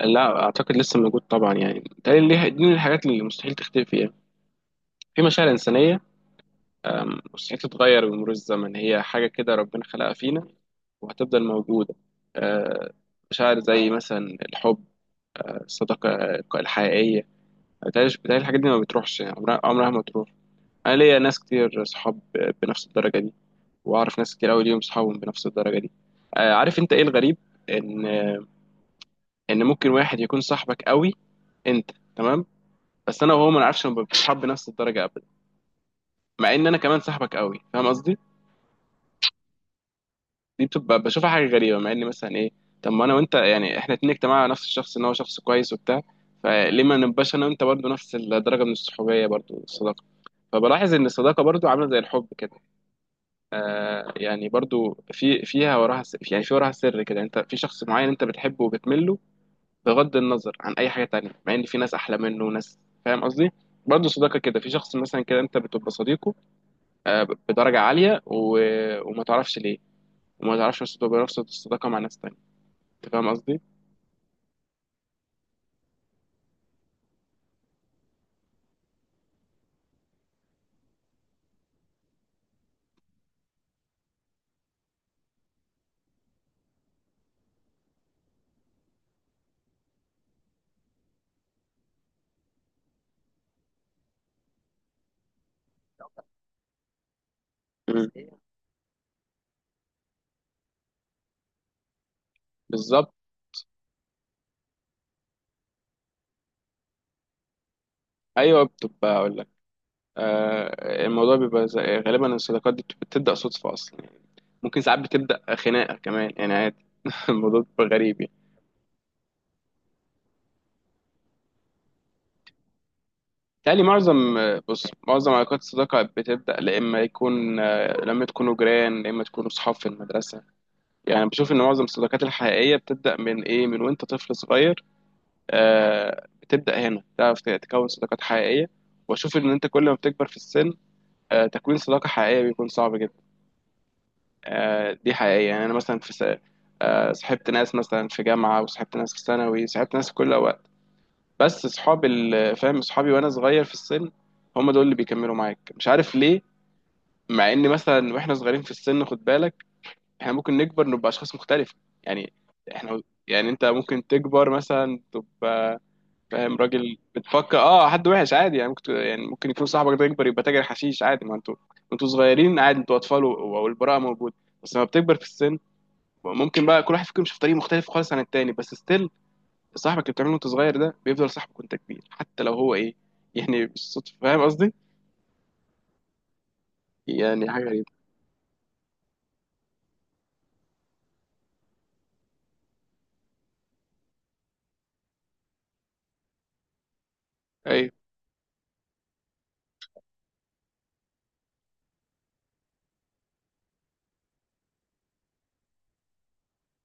لا اعتقد لسه موجود طبعا يعني تقريبا دي من الحاجات اللي مستحيل تختفي فيها. في مشاعر انسانيه مستحيل تتغير بمرور الزمن، هي حاجه كده ربنا خلقها فينا وهتفضل موجوده. أه، مشاعر زي مثلا الحب، الصداقه الحقيقيه. بتهيألي الحاجات دي ما بتروحش، يعني عمرها عمرها ما تروح. انا ليا ناس كتير صحاب بنفس الدرجه دي، واعرف ناس كتير قوي ليهم صحابهم بنفس الدرجه دي. عارف انت ايه الغريب؟ ان ان ممكن واحد يكون صاحبك قوي، انت تمام، بس انا وهو ما نعرفش نبقى بنحب نفس الدرجه ابدا، مع ان انا كمان صاحبك قوي، فاهم قصدي؟ دي بتبقى بشوفها حاجه غريبه، مع ان مثلا ايه، طب ما انا وانت يعني احنا اتنين اجتماعنا على نفس الشخص ان هو شخص كويس وبتاع، فليه ما نبقاش انا وانت برضو نفس الدرجه من الصحوبيه برضو الصداقه. فبلاحظ ان الصداقه برضو عامله زي الحب كده، آه يعني برضو فيها وراها سر، يعني في وراها سر كده، انت في شخص معين انت بتحبه وبتمله بغض النظر عن اي حاجه تانية، مع ان في ناس احلى منه وناس، فاهم قصدي؟ برضو صداقه كده، في شخص مثلا كده انت بتبقى صديقه آه، بدرجة عالية وما تعرفش ليه، وما تعرفش بس تبقى نفس الصداقة مع ناس تانية. انت فاهم قصدي؟ مم. بالظبط. ايوه بتبقى اقول لك، الموضوع بيبقى غالبا الصداقات دي بتبدأ صدفة اصلا يعني. ممكن ساعات بتبدأ خناقة كمان يعني عادي. الموضوع بيبقى غريب يعني. تالي معظم آه، بص معظم علاقات الصداقة بتبدأ، لا إما يكون لما تكونوا جيران، لا إما تكونوا صحاب في المدرسة. يعني بشوف إن معظم الصداقات الحقيقية بتبدأ من إيه، من وأنت طفل صغير. بتبدأ هنا تعرف تكون صداقات حقيقية. وأشوف إن أنت كل ما بتكبر في السن، تكوين صداقة حقيقية بيكون صعب جدا. دي حقيقية، يعني أنا مثلا صاحبت ناس مثلا في جامعة، وصاحبت ناس في ثانوي، صاحبت ناس في كل وقت. بس صحابي فاهم صحابي وأنا صغير في السن، هم دول اللي بيكملوا معاك مش عارف ليه. مع إن مثلا وإحنا صغيرين في السن، خد بالك، إحنا ممكن نكبر نبقى أشخاص مختلفة، يعني إحنا، يعني أنت ممكن تكبر مثلا تبقى فاهم راجل بتفكر حد وحش عادي، يعني ممكن، يعني ممكن يكون صاحبك ده يكبر يبقى تاجر حشيش عادي. ما انتوا انتوا صغيرين، عادي انتوا اطفال والبراءه موجوده. بس لما بتكبر في السن، ممكن بقى كل واحد فيكم يمشي في طريق مختلف خالص عن التاني، بس ستيل صاحبك اللي بتعمله وانت صغير ده بيفضل صاحبك وانت كبير، حتى لو هو ايه، يعني بالصدفه، فاهم قصدي؟ يعني حاجه غريبه. ايوه.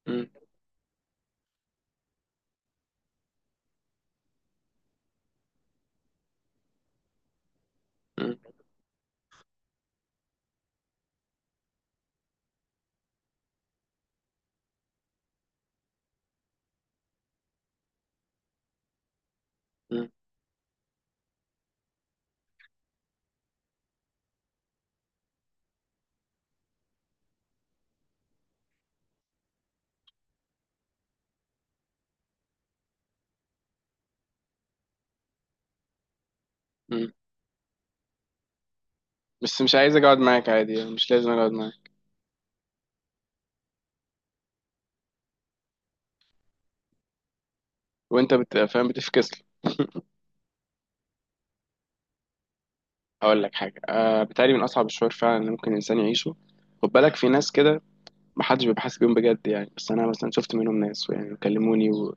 مم. مم. مم. مم. بس مش عايز اقعد معاك، عادي يعني مش لازم اقعد معاك. وانت فاهم بتفكس لي. هقول لك حاجه، آه بتهيألي من اصعب الشعور فعلا اللي ممكن الانسان يعيشه. خد بالك، في ناس كده محدش بيبقى حاسس بيهم بجد، يعني بس انا مثلا شفت منهم ناس يعني كلموني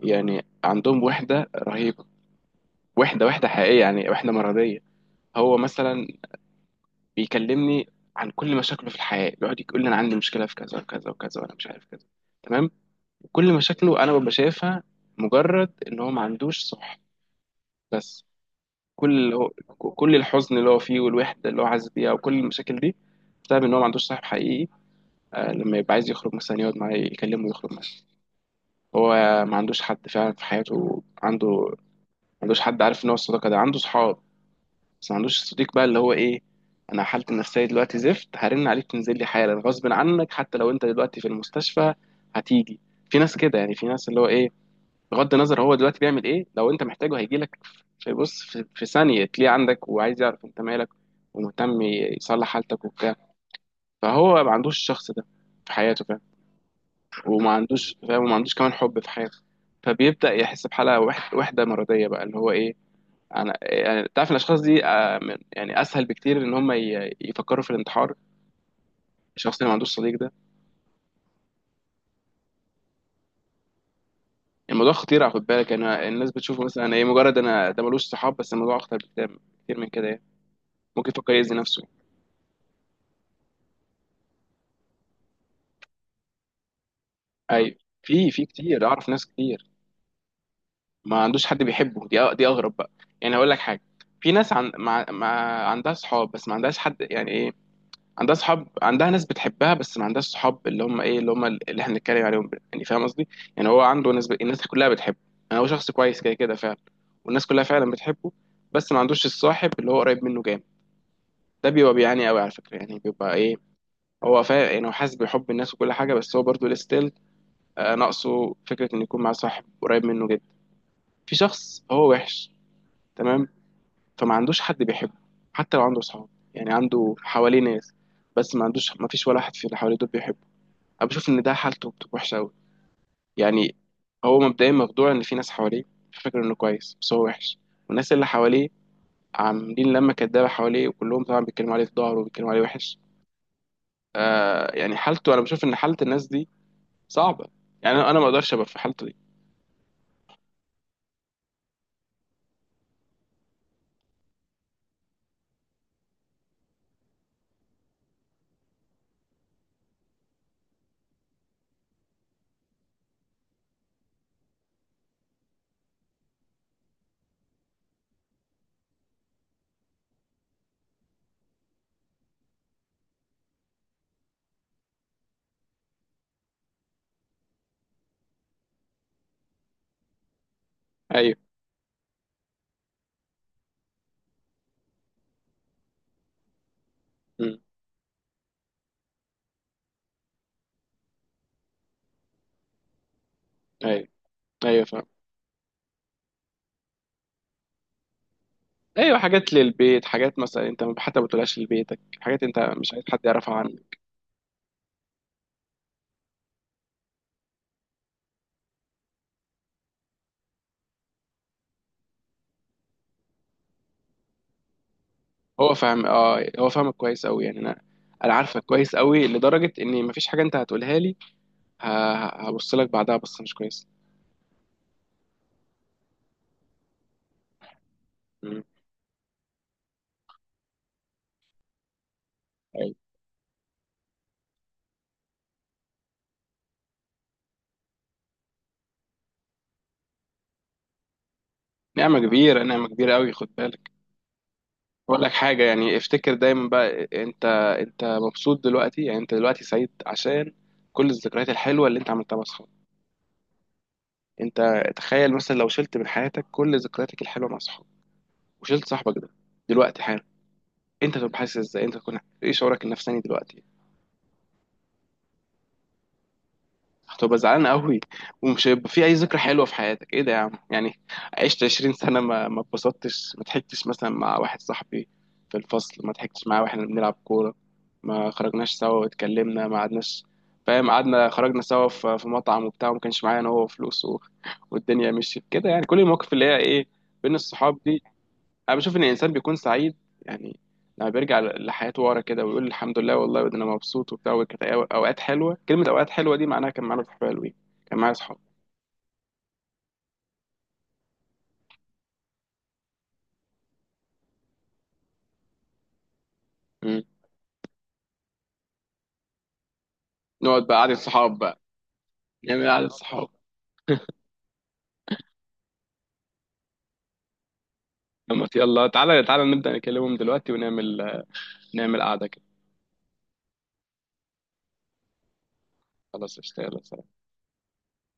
يعني عندهم وحده رهيبه، وحده وحده حقيقيه، يعني وحده مرضيه. هو مثلا بيكلمني عن كل مشاكله في الحياه، بيقعد يقول لي انا عندي مشكله في كذا وكذا وكذا وانا مش عارف كذا، تمام، كل مشاكله انا ببقى شايفها مجرد ان هو ما عندوش صح. بس كل كل الحزن اللي هو فيه والوحده اللي هو حاسس بيها وكل المشاكل دي بسبب ان هو ما عندوش صاحب حقيقي. لما يبقى عايز يخرج مثلا يقعد معاه يكلمه يخرج، هو ما عندوش حد فعلا في حياته، عنده ما عندوش حد، عارف ان هو الصداقه ده عنده صحاب، بس ما عندوش صديق بقى اللي هو ايه. انا حالتي النفسيه دلوقتي زفت، هرن عليك تنزل لي حالا غصب عنك حتى لو انت دلوقتي في المستشفى هتيجي. في ناس كده يعني، في ناس اللي هو ايه بغض النظر هو دلوقتي بيعمل ايه لو انت محتاجه هيجي لك. في بص، في ثانيه تلاقيه عندك وعايز يعرف انت مالك ومهتم يصلح حالتك وبتاع. فهو ما عندوش الشخص ده في حياته، وما عندوش فاهم، وما عندوش كمان حب في حياته. فبيبدأ يحس بحالة وحدة مرضية بقى اللي هو ايه. انا يعني تعرف الاشخاص دي، يعني اسهل بكتير ان هم يفكروا في الانتحار، الشخص اللي ما عندوش صديق ده. الموضوع خطير خد بالك، انا الناس بتشوفه مثلا ايه، مجرد انا ده ملوش صحاب، بس الموضوع اخطر بكتير كتير من كده يعني. ممكن يفكر يأذي نفسه. ايوه في، في كتير اعرف ناس كتير ما عندوش حد بيحبه، دي اغرب بقى. يعني هقول لك حاجة، في ناس عندها صحاب بس ما عندهاش حد يعني ايه، عندها صحاب، عندها ناس بتحبها، بس ما عندهاش صحاب اللي هم ايه اللي هم اللي احنا بنتكلم عليهم، يعني فاهم قصدي. يعني هو عنده ناس الناس كلها بتحبه، يعني هو شخص كويس كده كده فعلا، والناس كلها فعلا بتحبه، بس ما عندوش الصاحب اللي هو قريب منه جامد. ده بيبقى بيعاني قوي على فكرة، يعني بيبقى ايه، هو يعني هو حاسس بحب الناس وكل حاجة، بس هو برضه لستيل آه ناقصه فكرة انه يكون مع صاحب قريب منه جدا. في شخص هو وحش، تمام، فما عندوش حد بيحبه حتى لو عنده صحاب، يعني عنده حواليه ناس، بس ما عندوش، ما فيش ولا واحد في اللي حواليه دول بيحبه. انا بشوف ان ده حالته بتبقى وحشه قوي يعني. هو مبدئيا مخدوع ان في ناس حواليه، فاكر انه كويس بس هو وحش، والناس اللي حواليه عاملين لما كدابه حواليه، وكلهم طبعا بيتكلموا عليه في ظهره وبيتكلموا عليه وحش. آه يعني حالته، انا بشوف ان حاله الناس دي صعبه، يعني انا، أنا ما اقدرش ابقى في حالته دي. ايوه. امم. ايوه. ايوه فاهم. ايوه حاجات للبيت، حاجات مثلا انت حتى ما بتقولهاش لبيتك، حاجات انت مش عايز حد يعرفها عنك. هو فاهم، اه هو فاهمك كويس قوي، يعني انا انا عارفك كويس قوي لدرجه ان مفيش حاجه انت هتقولها لي هبص لك بعدها بصة مش كويسة. مم. أيوة. نعمة كبيرة، نعمة كبيرة قوي خد بالك. بقول لك حاجة، يعني افتكر دايما بقى، انت انت مبسوط دلوقتي، يعني انت دلوقتي سعيد عشان كل الذكريات الحلوة اللي انت عملتها مع اصحابك. انت تخيل مثلا لو شلت من حياتك كل ذكرياتك الحلوة مع اصحابك، وشلت صاحبك ده دلوقتي حالا، انت تبقى حاسس ازاي، انت تكون ايه شعورك النفساني دلوقتي؟ هتبقى زعلان قوي، ومش هيبقى في اي ذكرى حلوه في حياتك، ايه ده يا عم يعني، عشت 20 سنه ما اتبسطتش، ما ضحكتش مثلا مع واحد صاحبي في الفصل، ما ضحكتش معاه واحنا بنلعب كوره، ما خرجناش سوا واتكلمنا، ما قعدناش، فاهم، قعدنا خرجنا سوا في في مطعم وبتاع، وما كانش معايا انا هو فلوس. والدنيا مشيت كده. يعني كل المواقف اللي هي ايه بين الصحاب دي، انا بشوف ان الانسان بيكون سعيد يعني لما بيرجع لحياته ورا كده، ويقول الحمد لله والله ده انا مبسوط وبتاع، وكانت اوقات حلوه، كلمه اوقات حلوه دي معناها كان معانا صحاب حلوين، كان معايا صحاب. مم. نقعد بقى قعده صحاب بقى، نعمل قعده صحاب، يلا تعالى تعالى نبدا نكلمهم دلوقتي، ونعمل قعده كده. خلاص اشتغل.